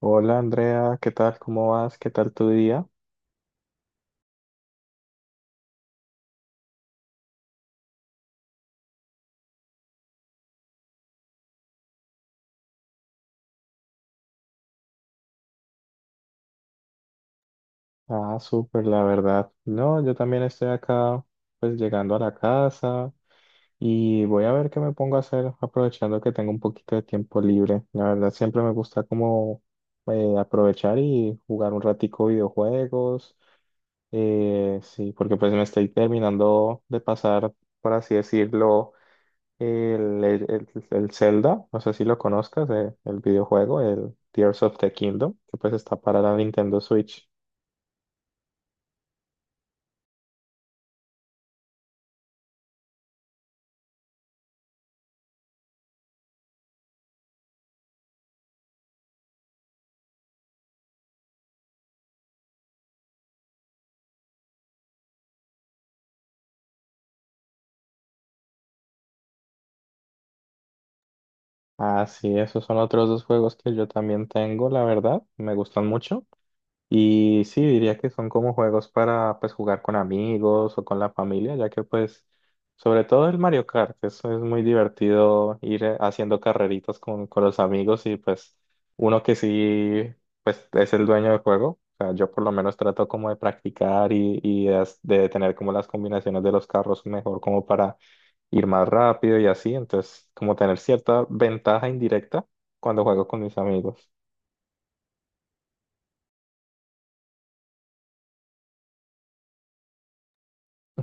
Hola Andrea, ¿qué tal? ¿Cómo vas? ¿Qué tal tu día? Ah, súper, la verdad. No, yo también estoy acá, pues llegando a la casa y voy a ver qué me pongo a hacer, aprovechando que tengo un poquito de tiempo libre. La verdad, siempre me gusta como aprovechar y jugar un ratico videojuegos. Sí, porque pues me estoy terminando de pasar, por así decirlo. El, el, el- Zelda, no sé si lo conozcas, el videojuego, el Tears of the Kingdom, que pues está para la Nintendo Switch. Ah, sí, esos son otros dos juegos que yo también tengo, la verdad, me gustan mucho. Y sí, diría que son como juegos para pues jugar con amigos o con la familia, ya que pues sobre todo el Mario Kart, eso es muy divertido ir haciendo carreritas con los amigos y pues uno que sí pues es el dueño del juego, o sea, yo por lo menos trato como de practicar y de tener como las combinaciones de los carros mejor como para ir más rápido y así, entonces como tener cierta ventaja indirecta cuando juego con mis amigos.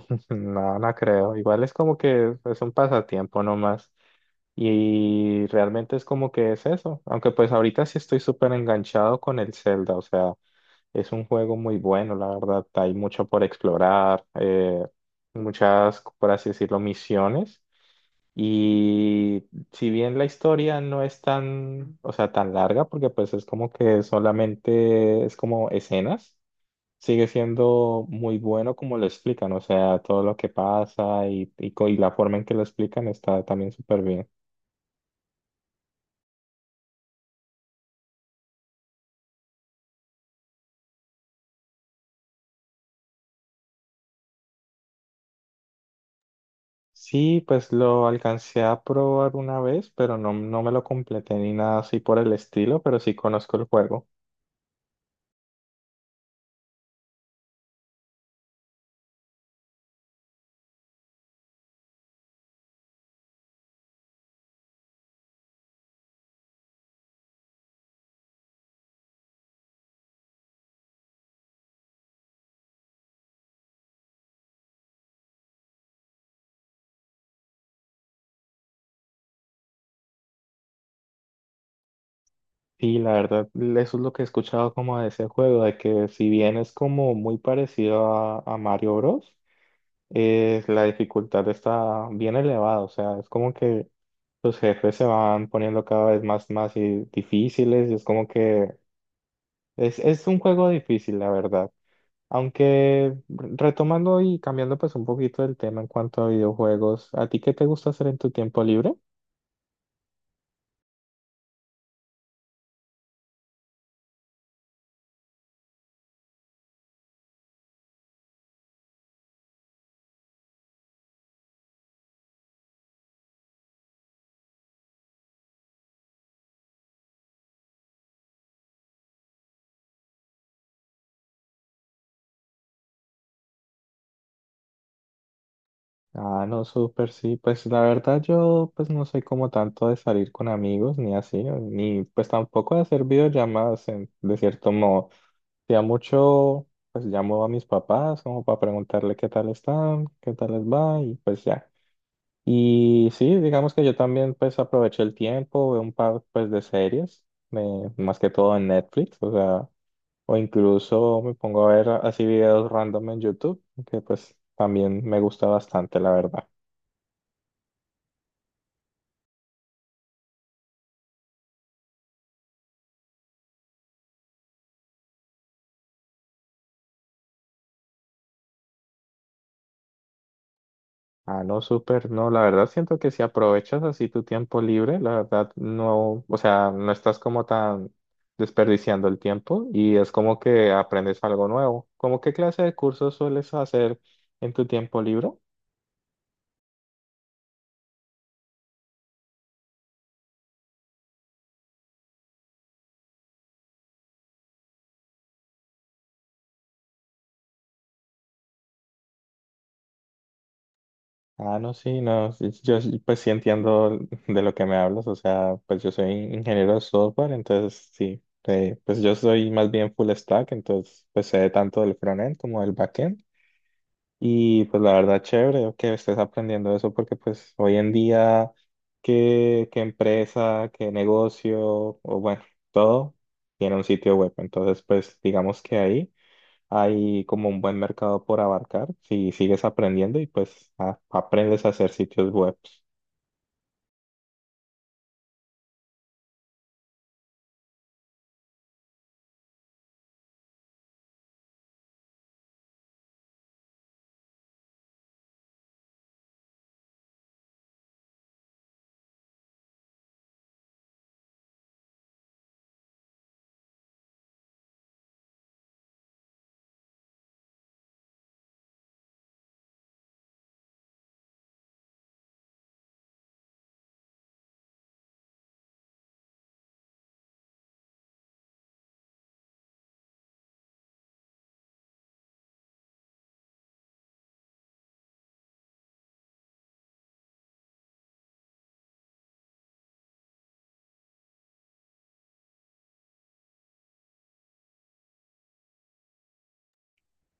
Pues no, no creo. Igual es como que es un pasatiempo nomás. Y realmente es como que es eso. Aunque pues ahorita sí estoy súper enganchado con el Zelda. O sea, es un juego muy bueno, la verdad. Hay mucho por explorar, muchas, por así decirlo, misiones. Y si bien la historia no es tan, o sea, tan larga, porque pues es como que solamente es como escenas, sigue siendo muy bueno como lo explican, o sea, todo lo que pasa y la forma en que lo explican está también súper bien. Sí, pues lo alcancé a probar una vez, pero no, no me lo completé ni nada así por el estilo, pero sí conozco el juego. Sí, la verdad, eso es lo que he escuchado como de ese juego, de que si bien es como muy parecido a Mario Bros., la dificultad está bien elevada, o sea, es como que sus jefes se van poniendo cada vez más, más y difíciles y es como que es un juego difícil, la verdad. Aunque retomando y cambiando pues un poquito el tema en cuanto a videojuegos, ¿a ti qué te gusta hacer en tu tiempo libre? Ah, no, súper, sí. Pues la verdad yo pues no soy como tanto de salir con amigos ni así, ¿no? Ni pues tampoco de hacer videollamadas de cierto modo. Ya mucho pues llamo a mis papás como para preguntarle qué tal están, qué tal les va y pues ya. Y sí, digamos que yo también pues aproveché el tiempo, veo un par pues de series, más que todo en Netflix, o sea, o incluso me pongo a ver así videos random en YouTube, que pues también me gusta bastante, la verdad. Ah, no, súper, no, la verdad siento que si aprovechas así tu tiempo libre, la verdad no, o sea, no estás como tan desperdiciando el tiempo y es como que aprendes algo nuevo. ¿Cómo qué clase de cursos sueles hacer en tu tiempo libre? Ah, no, sí, no, sí, sí, yo sí, pues sí entiendo de lo que me hablas, o sea, pues yo soy ingeniero de software, entonces sí, pues yo soy más bien full stack, entonces pues sé tanto del frontend como del backend y pues la verdad chévere que estés aprendiendo eso porque pues hoy en día qué empresa, qué negocio o bueno, todo tiene un sitio web, entonces pues digamos que ahí hay como un buen mercado por abarcar si sigues aprendiendo y pues aprendes a hacer sitios web.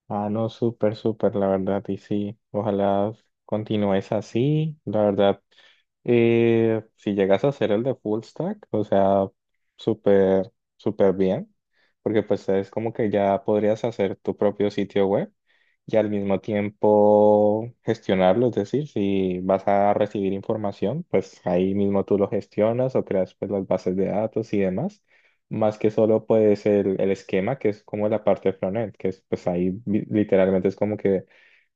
Ah, no, súper, súper, la verdad, y sí, ojalá continúes así, la verdad. Y si llegas a hacer el de full stack, o sea, súper, súper bien, porque pues es como que ya podrías hacer tu propio sitio web y al mismo tiempo gestionarlo, es decir, si vas a recibir información, pues ahí mismo tú lo gestionas o creas pues las bases de datos y demás, más que solo pues el esquema, que es como la parte frontend, que es pues ahí literalmente es como que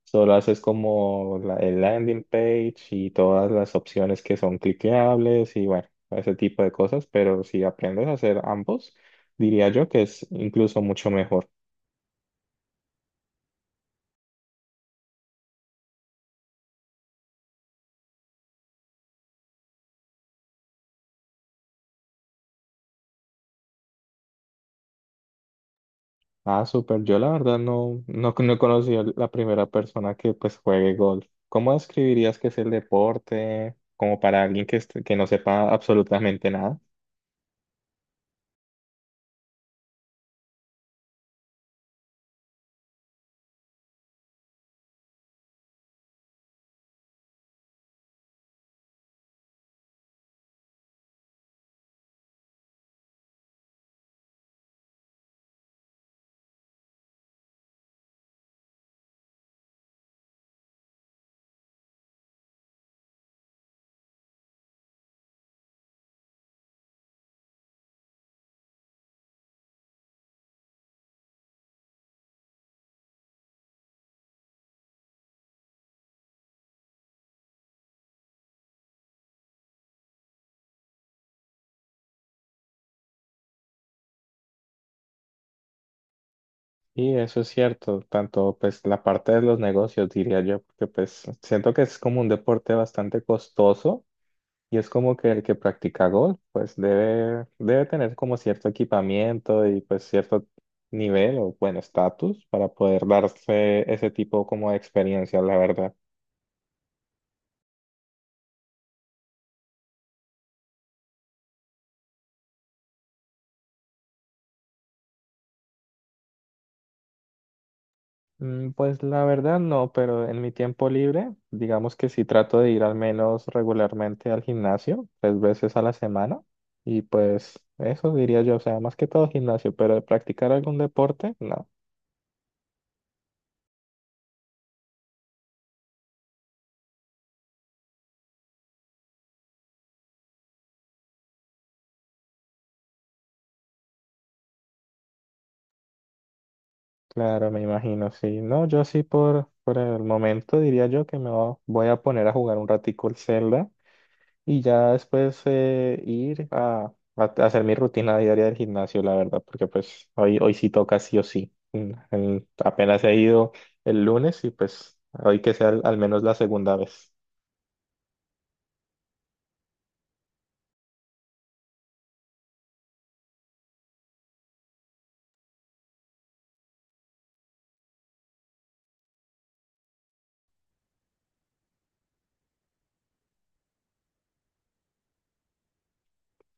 solo haces como el landing page y todas las opciones que son cliqueables y bueno, ese tipo de cosas, pero si aprendes a hacer ambos, diría yo que es incluso mucho mejor. Ah, súper. Yo la verdad no conocí a la primera persona que pues juegue golf. ¿Cómo describirías que es el deporte? Como para alguien que, que no sepa absolutamente nada. Y eso es cierto, tanto pues la parte de los negocios diría yo, porque pues siento que es como un deporte bastante costoso. Y es como que el que practica golf, pues debe, debe tener como cierto equipamiento y pues cierto nivel o bueno, estatus para poder darse ese tipo como de experiencia, la verdad. Mm, pues la verdad no, pero en mi tiempo libre, digamos que sí trato de ir al menos regularmente al gimnasio, tres veces a la semana. Y pues eso diría yo, o sea, más que todo gimnasio, pero de practicar algún deporte, no. Claro, me imagino, sí. No, yo sí por el momento diría yo que voy a poner a jugar un ratico el Zelda y ya después ir a hacer mi rutina diaria del gimnasio, la verdad, porque pues hoy, hoy sí toca sí o sí. Mm, apenas he ido el lunes y pues hoy que sea al menos la segunda vez.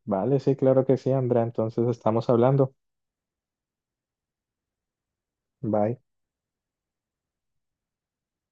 Vale, sí, claro que sí, Andrea. Entonces estamos hablando. Bye.